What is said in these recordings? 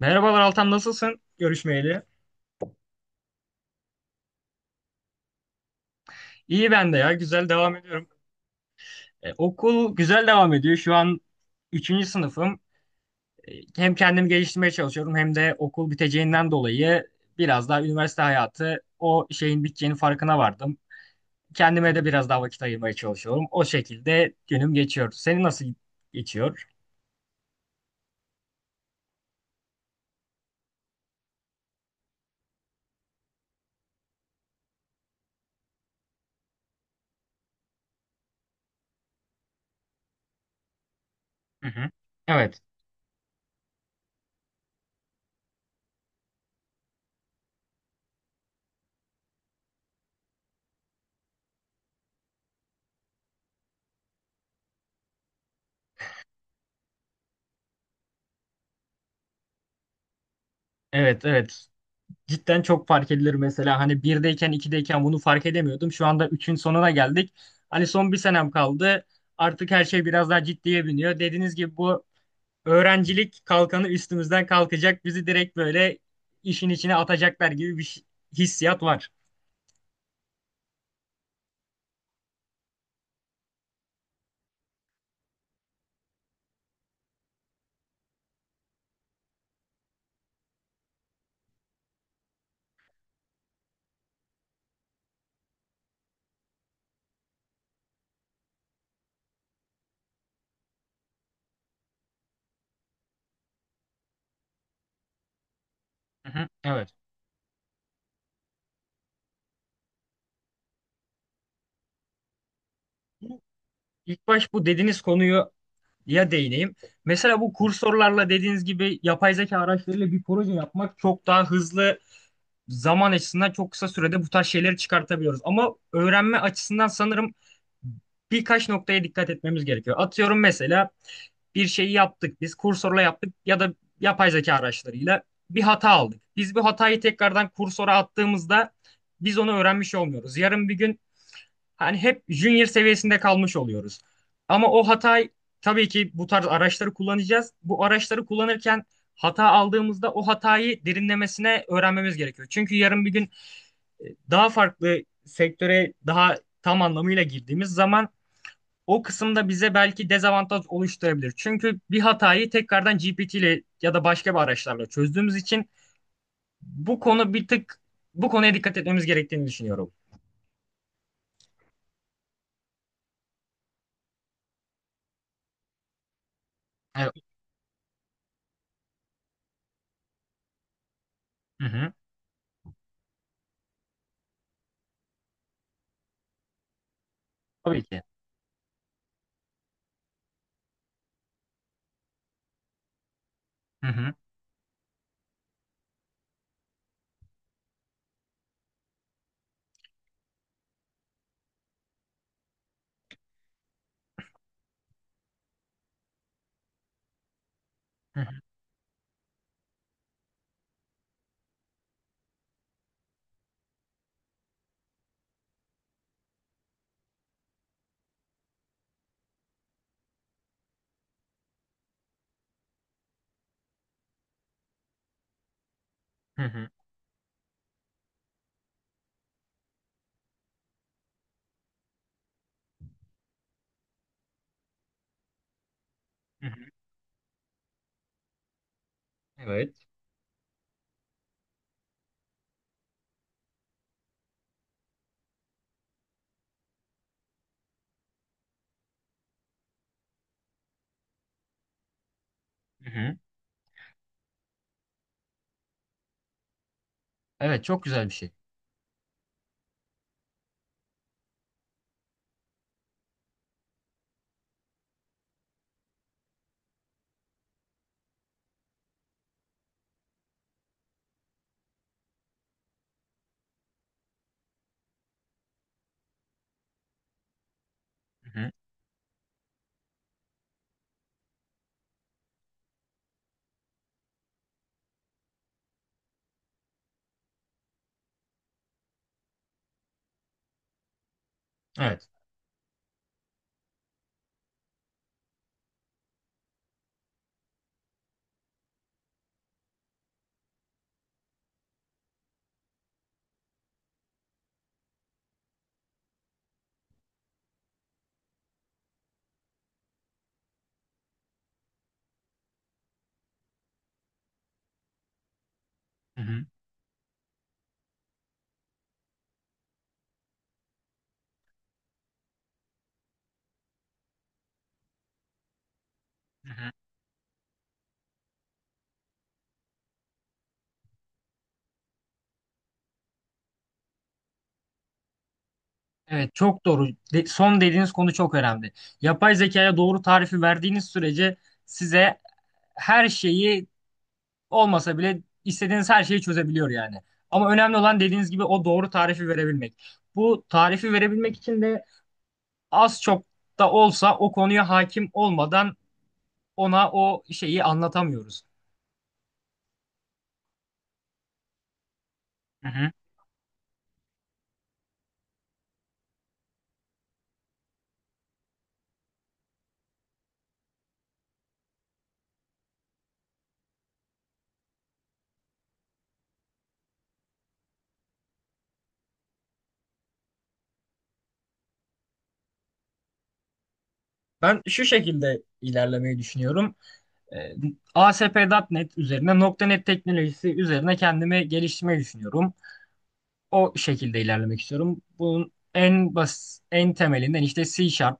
Merhabalar Altan, nasılsın? Görüşmeyeli. İyi, ben de ya, güzel devam ediyorum. E, okul güzel devam ediyor. Şu an üçüncü sınıfım. E, hem kendimi geliştirmeye çalışıyorum hem de okul biteceğinden dolayı biraz daha üniversite hayatı o şeyin biteceğinin farkına vardım. Kendime de biraz daha vakit ayırmaya çalışıyorum. O şekilde günüm geçiyor. Senin nasıl geçiyor? Hı hı. Evet, evet, evet. Cidden çok fark edilir mesela. Hani birdeyken, ikideyken bunu fark edemiyordum. Şu anda üçün sonuna geldik. Hani son bir senem kaldı. Artık her şey biraz daha ciddiye biniyor. Dediğiniz gibi bu öğrencilik kalkanı üstümüzden kalkacak. Bizi direkt böyle işin içine atacaklar gibi bir hissiyat var. Hı hı, evet. Bu- İlk baş bu dediğiniz konuyu ya değineyim. Mesela bu kursörlerle dediğiniz gibi yapay zeka araçlarıyla bir proje yapmak çok daha hızlı, zaman açısından çok kısa sürede bu tarz şeyleri çıkartabiliyoruz. Ama öğrenme açısından sanırım birkaç noktaya dikkat etmemiz gerekiyor. Atıyorum mesela bir şeyi yaptık, biz kursorla yaptık ya da yapay zeka araçlarıyla bir hata aldık. Biz bu hatayı tekrardan kursora attığımızda biz onu öğrenmiş olmuyoruz. Yarın bir gün hani hep junior seviyesinde kalmış oluyoruz. Ama o hatayı, tabii ki bu tarz araçları kullanacağız. Bu araçları kullanırken hata aldığımızda o hatayı derinlemesine öğrenmemiz gerekiyor. Çünkü yarın bir gün daha farklı sektöre daha tam anlamıyla girdiğimiz zaman o kısımda bize belki dezavantaj oluşturabilir. Çünkü bir hatayı tekrardan GPT ile ya da başka bir araçlarla çözdüğümüz için bu konu bir tık bu konuya dikkat etmemiz gerektiğini düşünüyorum. Evet. Hı hı. Tabii ki. Hı hı. Hı hı. Hı hı. Hı hı. Evet. Hı hı. Evet, çok güzel bir şey. Hı hı. Evet. Hı hı. Hı hı. Evet, çok doğru. Son dediğiniz konu çok önemli. Yapay zekaya doğru tarifi verdiğiniz sürece size her şeyi olmasa bile istediğiniz her şeyi çözebiliyor yani. Ama önemli olan dediğiniz gibi o doğru tarifi verebilmek. Bu tarifi verebilmek için de az çok da olsa o konuya hakim olmadan ona o şeyi anlatamıyoruz. Hı hı. Ben şu şekilde ilerlemeyi düşünüyorum. Ee, ASP.NET üzerine .NET teknolojisi üzerine kendimi geliştirmeyi düşünüyorum. O şekilde ilerlemek istiyorum. Bunun en basit, en temelinden işte C Sharp,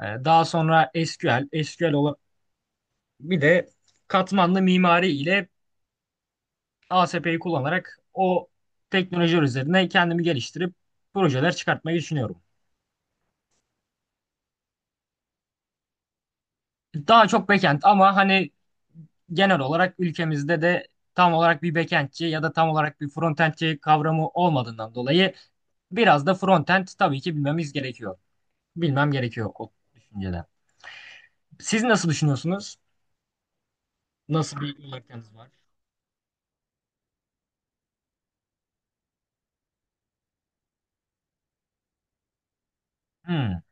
Daha sonra SQL olan bir de katmanlı mimari ile ASP'yi kullanarak o teknolojiler üzerine kendimi geliştirip projeler çıkartmayı düşünüyorum. Daha çok backend ama hani genel olarak ülkemizde de tam olarak bir backendçi ya da tam olarak bir frontendçi kavramı olmadığından dolayı biraz da frontend tabii ki bilmemiz gerekiyor. Bilmem gerekiyor o düşünceden. Siz nasıl düşünüyorsunuz? Nasıl bir yol haritanız var? Hmm,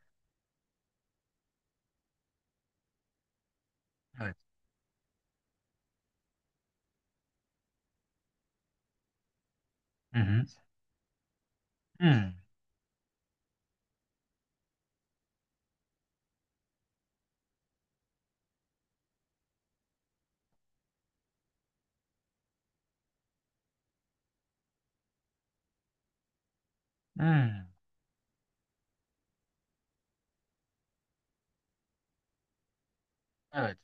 evet. Hı hı. Hmm, hmm. Evet.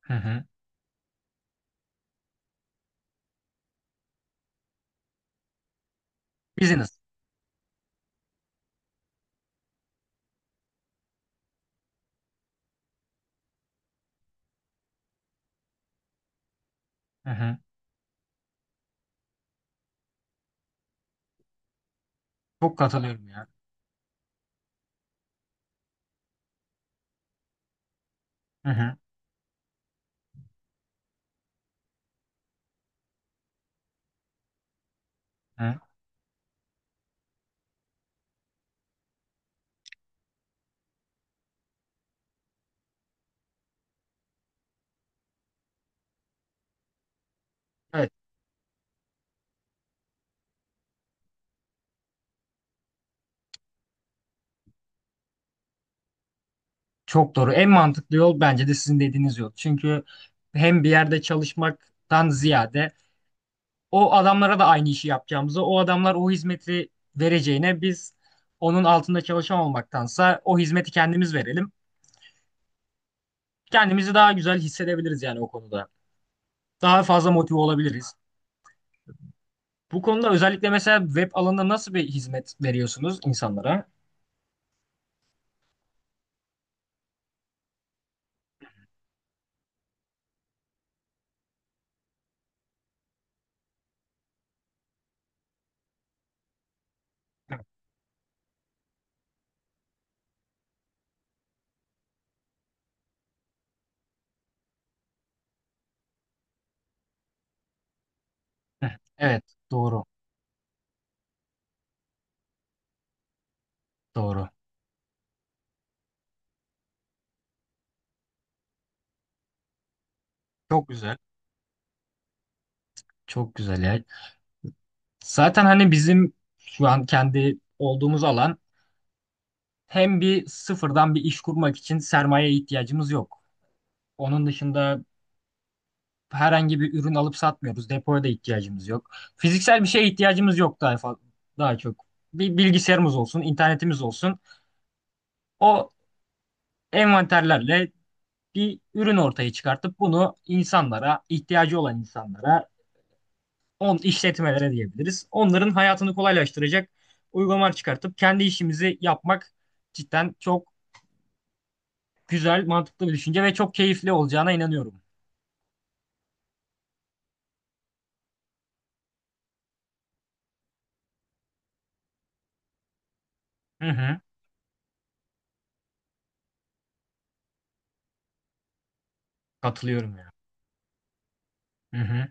Hı hı. Business. Hı hı. Çok katılıyorum ya. Hı hı. Hı. Evet. Çok doğru. En mantıklı yol bence de sizin dediğiniz yol. Çünkü hem bir yerde çalışmaktan ziyade o adamlara da aynı işi yapacağımızı, o adamlar o hizmeti vereceğine biz onun altında çalışan olmaktansa o hizmeti kendimiz verelim. Kendimizi daha güzel hissedebiliriz yani o konuda. Daha fazla motive olabiliriz. Bu konuda özellikle mesela web alanında nasıl bir hizmet veriyorsunuz insanlara? Hı. Evet, doğru, doğru. Çok güzel. Çok güzel ya. Zaten hani bizim şu an kendi olduğumuz alan, hem bir sıfırdan bir iş kurmak için sermayeye ihtiyacımız yok. Onun dışında herhangi bir ürün alıp satmıyoruz. Depoya da ihtiyacımız yok. Fiziksel bir şeye ihtiyacımız yok daha çok. Bir bilgisayarımız olsun, internetimiz olsun. O envanterlerle bir ürün ortaya çıkartıp bunu insanlara, ihtiyacı olan insanlara, on işletmelere diyebiliriz. Onların hayatını kolaylaştıracak uygulamalar çıkartıp kendi işimizi yapmak cidden çok güzel, mantıklı bir düşünce ve çok keyifli olacağına inanıyorum. Hı hı. Katılıyorum ya. Hı hı.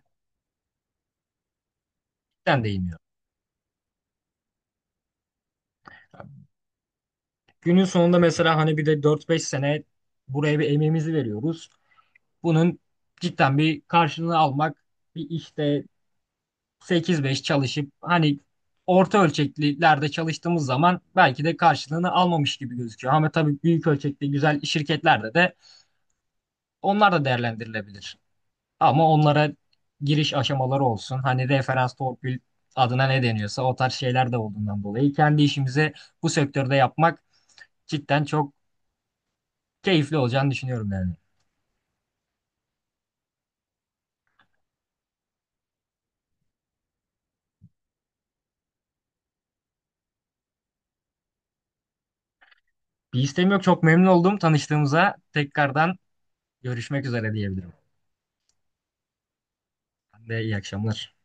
Cidden değmiyor. Günün sonunda mesela hani bir de 4-5 sene buraya bir emeğimizi veriyoruz. Bunun cidden bir karşılığını almak, bir işte 8-5 çalışıp hani orta ölçeklilerde çalıştığımız zaman belki de karşılığını almamış gibi gözüküyor. Ama tabii büyük ölçekli güzel şirketlerde de onlar da değerlendirilebilir. Ama onlara giriş aşamaları olsun. Hani referans, torpil adına ne deniyorsa o tarz şeyler de olduğundan dolayı kendi işimizi bu sektörde yapmak cidden çok keyifli olacağını düşünüyorum yani. Bir isteğim yok. Çok memnun oldum tanıştığımıza. Tekrardan görüşmek üzere diyebilirim. Ben de iyi akşamlar.